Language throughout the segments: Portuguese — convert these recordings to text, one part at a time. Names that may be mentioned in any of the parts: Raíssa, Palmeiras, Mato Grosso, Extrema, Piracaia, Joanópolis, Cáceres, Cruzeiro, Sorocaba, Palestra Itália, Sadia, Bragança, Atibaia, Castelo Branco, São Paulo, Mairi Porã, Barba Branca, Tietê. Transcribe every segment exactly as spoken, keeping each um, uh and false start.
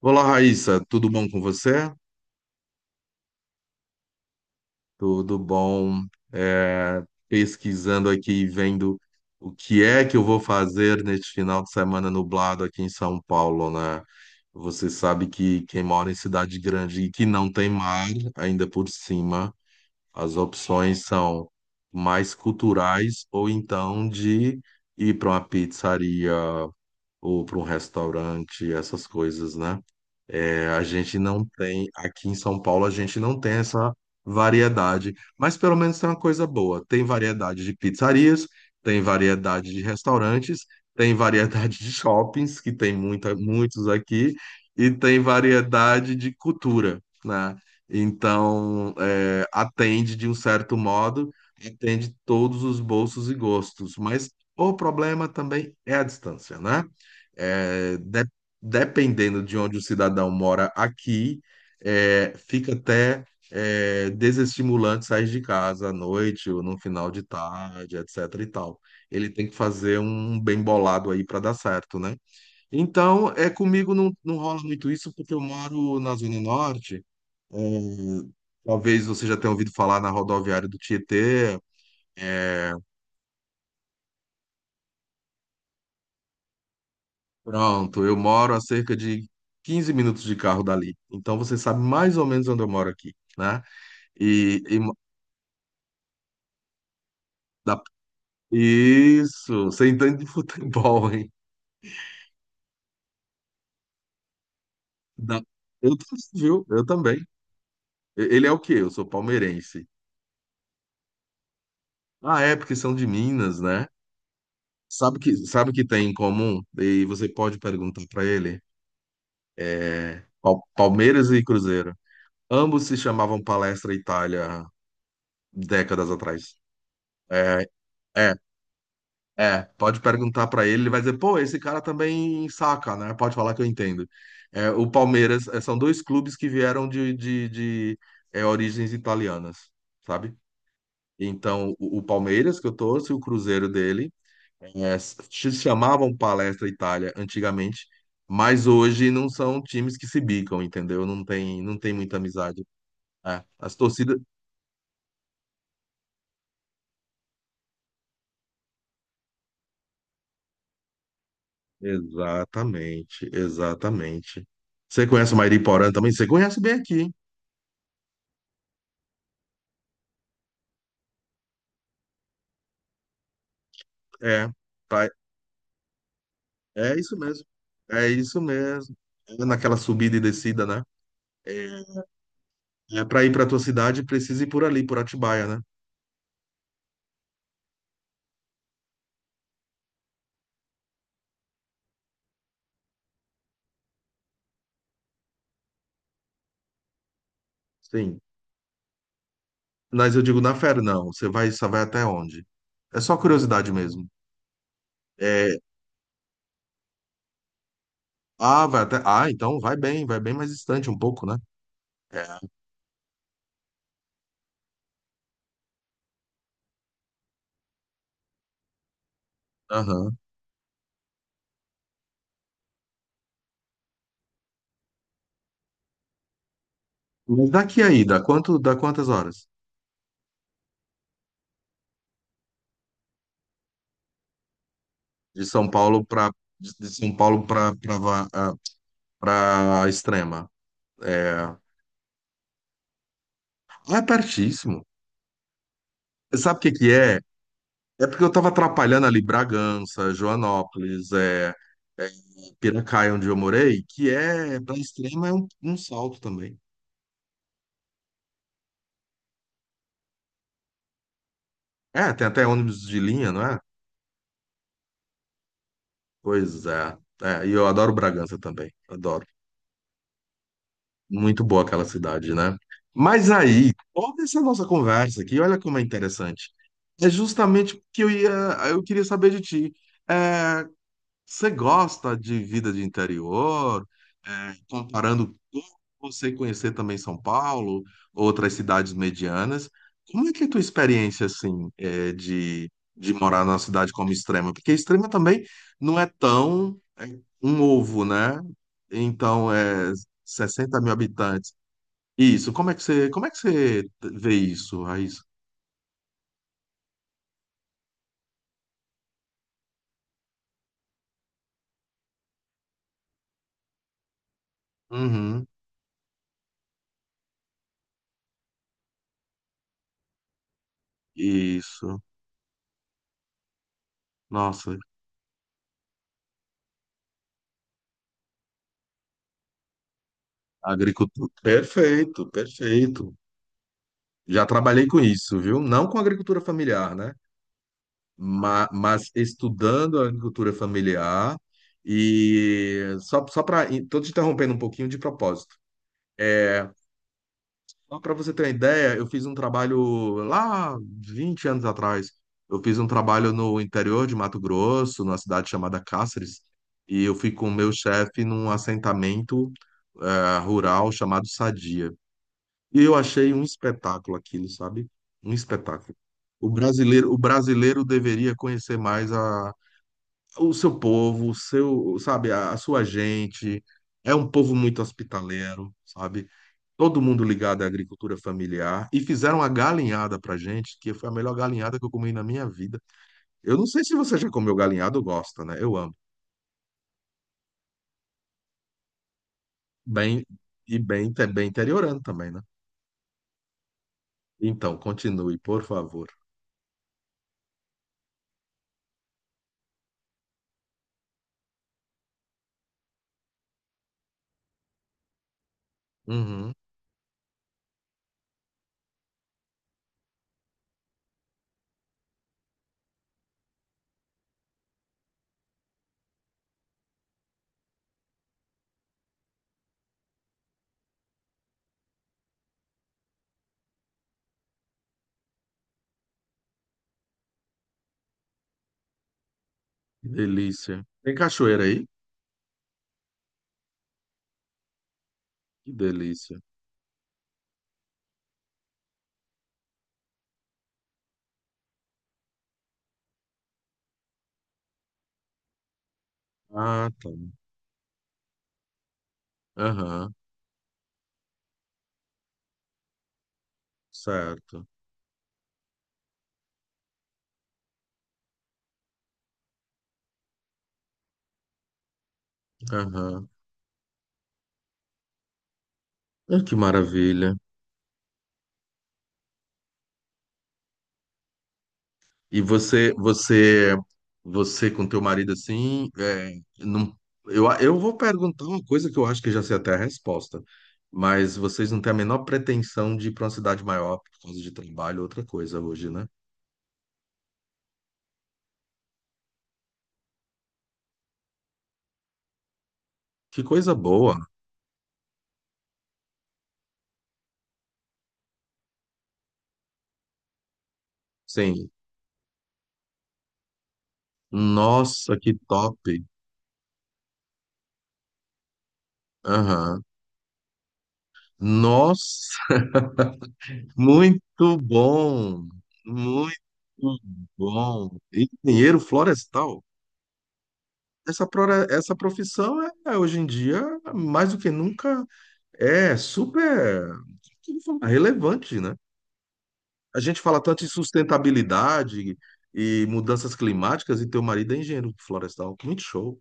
Olá, Raíssa, tudo bom com você? Tudo bom? É, Pesquisando aqui e vendo o que é que eu vou fazer neste final de semana nublado aqui em São Paulo, né? Você sabe que quem mora em cidade grande e que não tem mar, ainda por cima, as opções são mais culturais ou então de ir para uma pizzaria ou para um restaurante, essas coisas, né? É, a gente não tem, aqui em São Paulo, a gente não tem essa variedade, mas pelo menos tem uma coisa boa: tem variedade de pizzarias, tem variedade de restaurantes, tem variedade de shoppings, que tem muita, muitos aqui, e tem variedade de cultura, né? Então, é, atende de um certo modo, atende todos os bolsos e gostos, mas o problema também é a distância, né? É, dependendo de onde o cidadão mora aqui, é, fica até é, desestimulante sair de casa à noite ou no final de tarde, et cetera e tal. Ele tem que fazer um um bem bolado aí para dar certo, né? Então, é, comigo não, não rola muito isso porque eu moro na Zona Norte. É, talvez você já tenha ouvido falar na rodoviária do Tietê. É, pronto, eu moro a cerca de quinze minutos de carro dali. Então você sabe mais ou menos onde eu moro aqui, né? E, e mo- da- isso, você entende de futebol, hein? Da- eu, t- Viu? Eu também. E- Ele é o quê? Eu sou palmeirense. Ah, é, porque são de Minas, né? Sabe que, sabe que tem em comum? E você pode perguntar para ele. É, Pal- Palmeiras e Cruzeiro. Ambos se chamavam Palestra Itália décadas atrás. É. É. É, pode perguntar pra ele, ele vai dizer, pô, esse cara também saca, né? Pode falar que eu entendo. É, o Palmeiras, é, são dois clubes que vieram de, de, de, é, origens italianas, sabe? Então, o, o Palmeiras, que eu torço, e o Cruzeiro dele, é, se chamavam Palestra Itália antigamente, mas hoje não são times que se bicam, entendeu? Não tem, não tem muita amizade. É, as torcidas. Exatamente, exatamente. Você conhece o Mairi Porã também? Você conhece bem aqui. É, pai, é isso mesmo. É isso mesmo. É naquela subida e descida, né? É, é para ir para tua cidade, precisa ir por ali, por Atibaia, né? Sim. Mas eu digo, na fera, não. Você vai, só vai até onde? É só curiosidade mesmo. É, ah, vai até. Ah, então vai bem, vai bem mais distante um pouco, né? É. Aham. Mas daqui aí, dá quanto, dá quantas horas? De São Paulo para de de São Paulo para para para Extrema. É, ah, é pertíssimo. Sabe o que que é? É porque eu estava atrapalhando ali Bragança, Joanópolis, é, é, Piracaia, onde eu morei, que é, pra extrema, é um, um salto também. É, tem até ônibus de linha, não é? Pois é. É, e eu adoro Bragança também, adoro. Muito boa aquela cidade, né? Mas aí, toda essa nossa conversa aqui, olha como é interessante. É justamente porque eu ia, eu queria saber de ti. É, você gosta de vida de interior? É, comparando como você conhecer também São Paulo, outras cidades medianas, como é que é a tua experiência assim, é, de, de morar numa cidade como Extrema? Porque Extrema também não é tão, é, um ovo, né? Então é sessenta mil habitantes. Isso. Como é que você como é que você vê isso, Raíssa? Uhum. Isso. Nossa, agricultura. Perfeito, perfeito. Já trabalhei com isso, viu? Não com agricultura familiar, né? Ma- Mas, estudando a agricultura familiar e só, só para. Estou te interrompendo um pouquinho de propósito. É, só para você ter uma ideia, eu fiz um trabalho lá vinte anos atrás. Eu fiz um trabalho no interior de Mato Grosso, numa cidade chamada Cáceres, e eu fui com o meu chefe num assentamento, eh, rural, chamado Sadia. E eu achei um espetáculo aquilo, sabe? Um espetáculo. O brasileiro, o brasileiro deveria conhecer mais a, o seu povo, o seu, sabe, a, a sua gente. É um povo muito hospitaleiro, sabe? Todo mundo ligado à agricultura familiar. E fizeram uma galinhada pra gente, que foi a melhor galinhada que eu comi na minha vida. Eu não sei se você já comeu galinhada ou gosta, né? Eu amo. Bem, e bem, é bem interiorano também, né? Então, continue, por favor. Uhum, que delícia. Tem cachoeira aí? Que delícia. Ah, tá. Aham, certo. Aham. Ah, que maravilha. E você, você, você com teu marido assim, é, não, eu, eu vou perguntar uma coisa que eu acho que já sei até a resposta, mas vocês não têm a menor pretensão de ir para uma cidade maior por causa de trabalho, outra coisa hoje, né? Que coisa boa. Sim. Nossa, que top. Aham. Nossa, muito bom, muito bom. Engenheiro florestal. Essa, prora- essa profissão é, é, hoje em dia, mais do que nunca, é super relevante, né? A gente fala tanto em sustentabilidade e mudanças climáticas, e teu marido é engenheiro florestal. Muito show.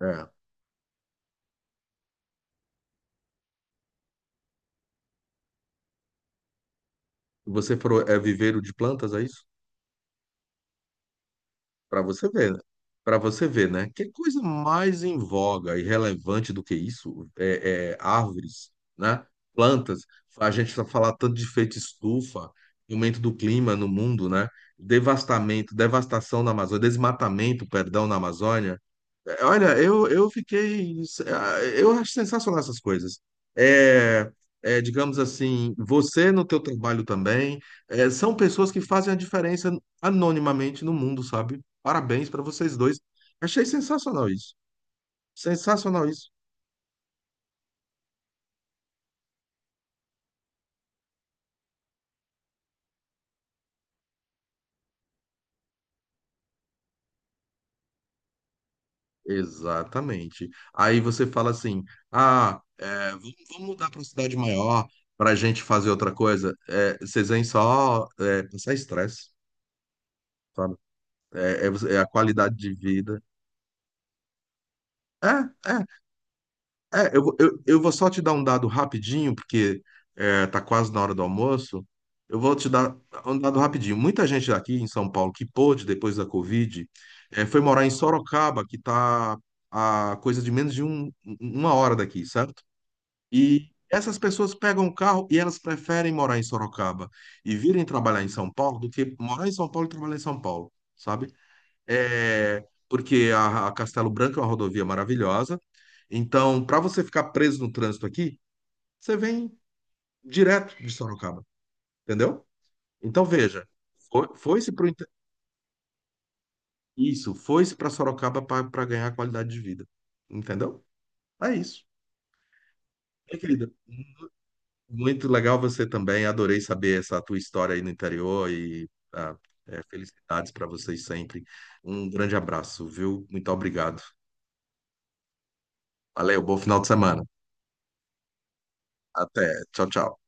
É. Você pro- é viveiro de plantas, aí? Para você ver, né? Para você ver, né? Que coisa mais em voga e relevante do que isso? É, é árvores, né? Plantas. A gente só falar tanto de efeito estufa, aumento do clima no mundo, né? Devastamento, devastação na Amazônia, desmatamento, perdão, na Amazônia. Olha, eu, eu fiquei. ah, Eu acho sensacional essas coisas. É, é, digamos assim, você no teu trabalho também, é, são pessoas que fazem a diferença anonimamente no mundo, sabe? Parabéns para vocês dois. Achei sensacional isso. Sensacional isso. Exatamente. Aí você fala assim: ah, é, vamos vamos mudar para uma cidade maior para a gente fazer outra coisa. É, vocês vêm só, é, passar estresse, sabe? é é- você- é a qualidade de vida. É, é, é. Eu, vou- eu, eu vou só te dar um dado rapidinho, porque é, tá quase na hora do almoço. Eu vou te dar um dado rapidinho. Muita gente aqui em São Paulo que pôde, depois da Covid, é, foi morar em Sorocaba, que tá a coisa de menos de um- uma hora daqui, certo? E essas pessoas pegam o carro e elas preferem morar em Sorocaba e virem trabalhar em São Paulo do que morar em São Paulo e trabalhar em São Paulo, sabe? É, porque a, a Castelo Branco é uma rodovia maravilhosa. Então, para você ficar preso no trânsito aqui, você vem direto de Sorocaba, entendeu? Então, veja, foi, foi-se pro, isso, foi-se para Sorocaba para ganhar qualidade de vida, entendeu? É isso. Minha querida, muito legal você também. Adorei saber essa tua história aí no interior e, ah, é, felicidades para vocês sempre. Um grande abraço, viu? Muito obrigado. Valeu, bom final de semana. Até. Tchau, tchau.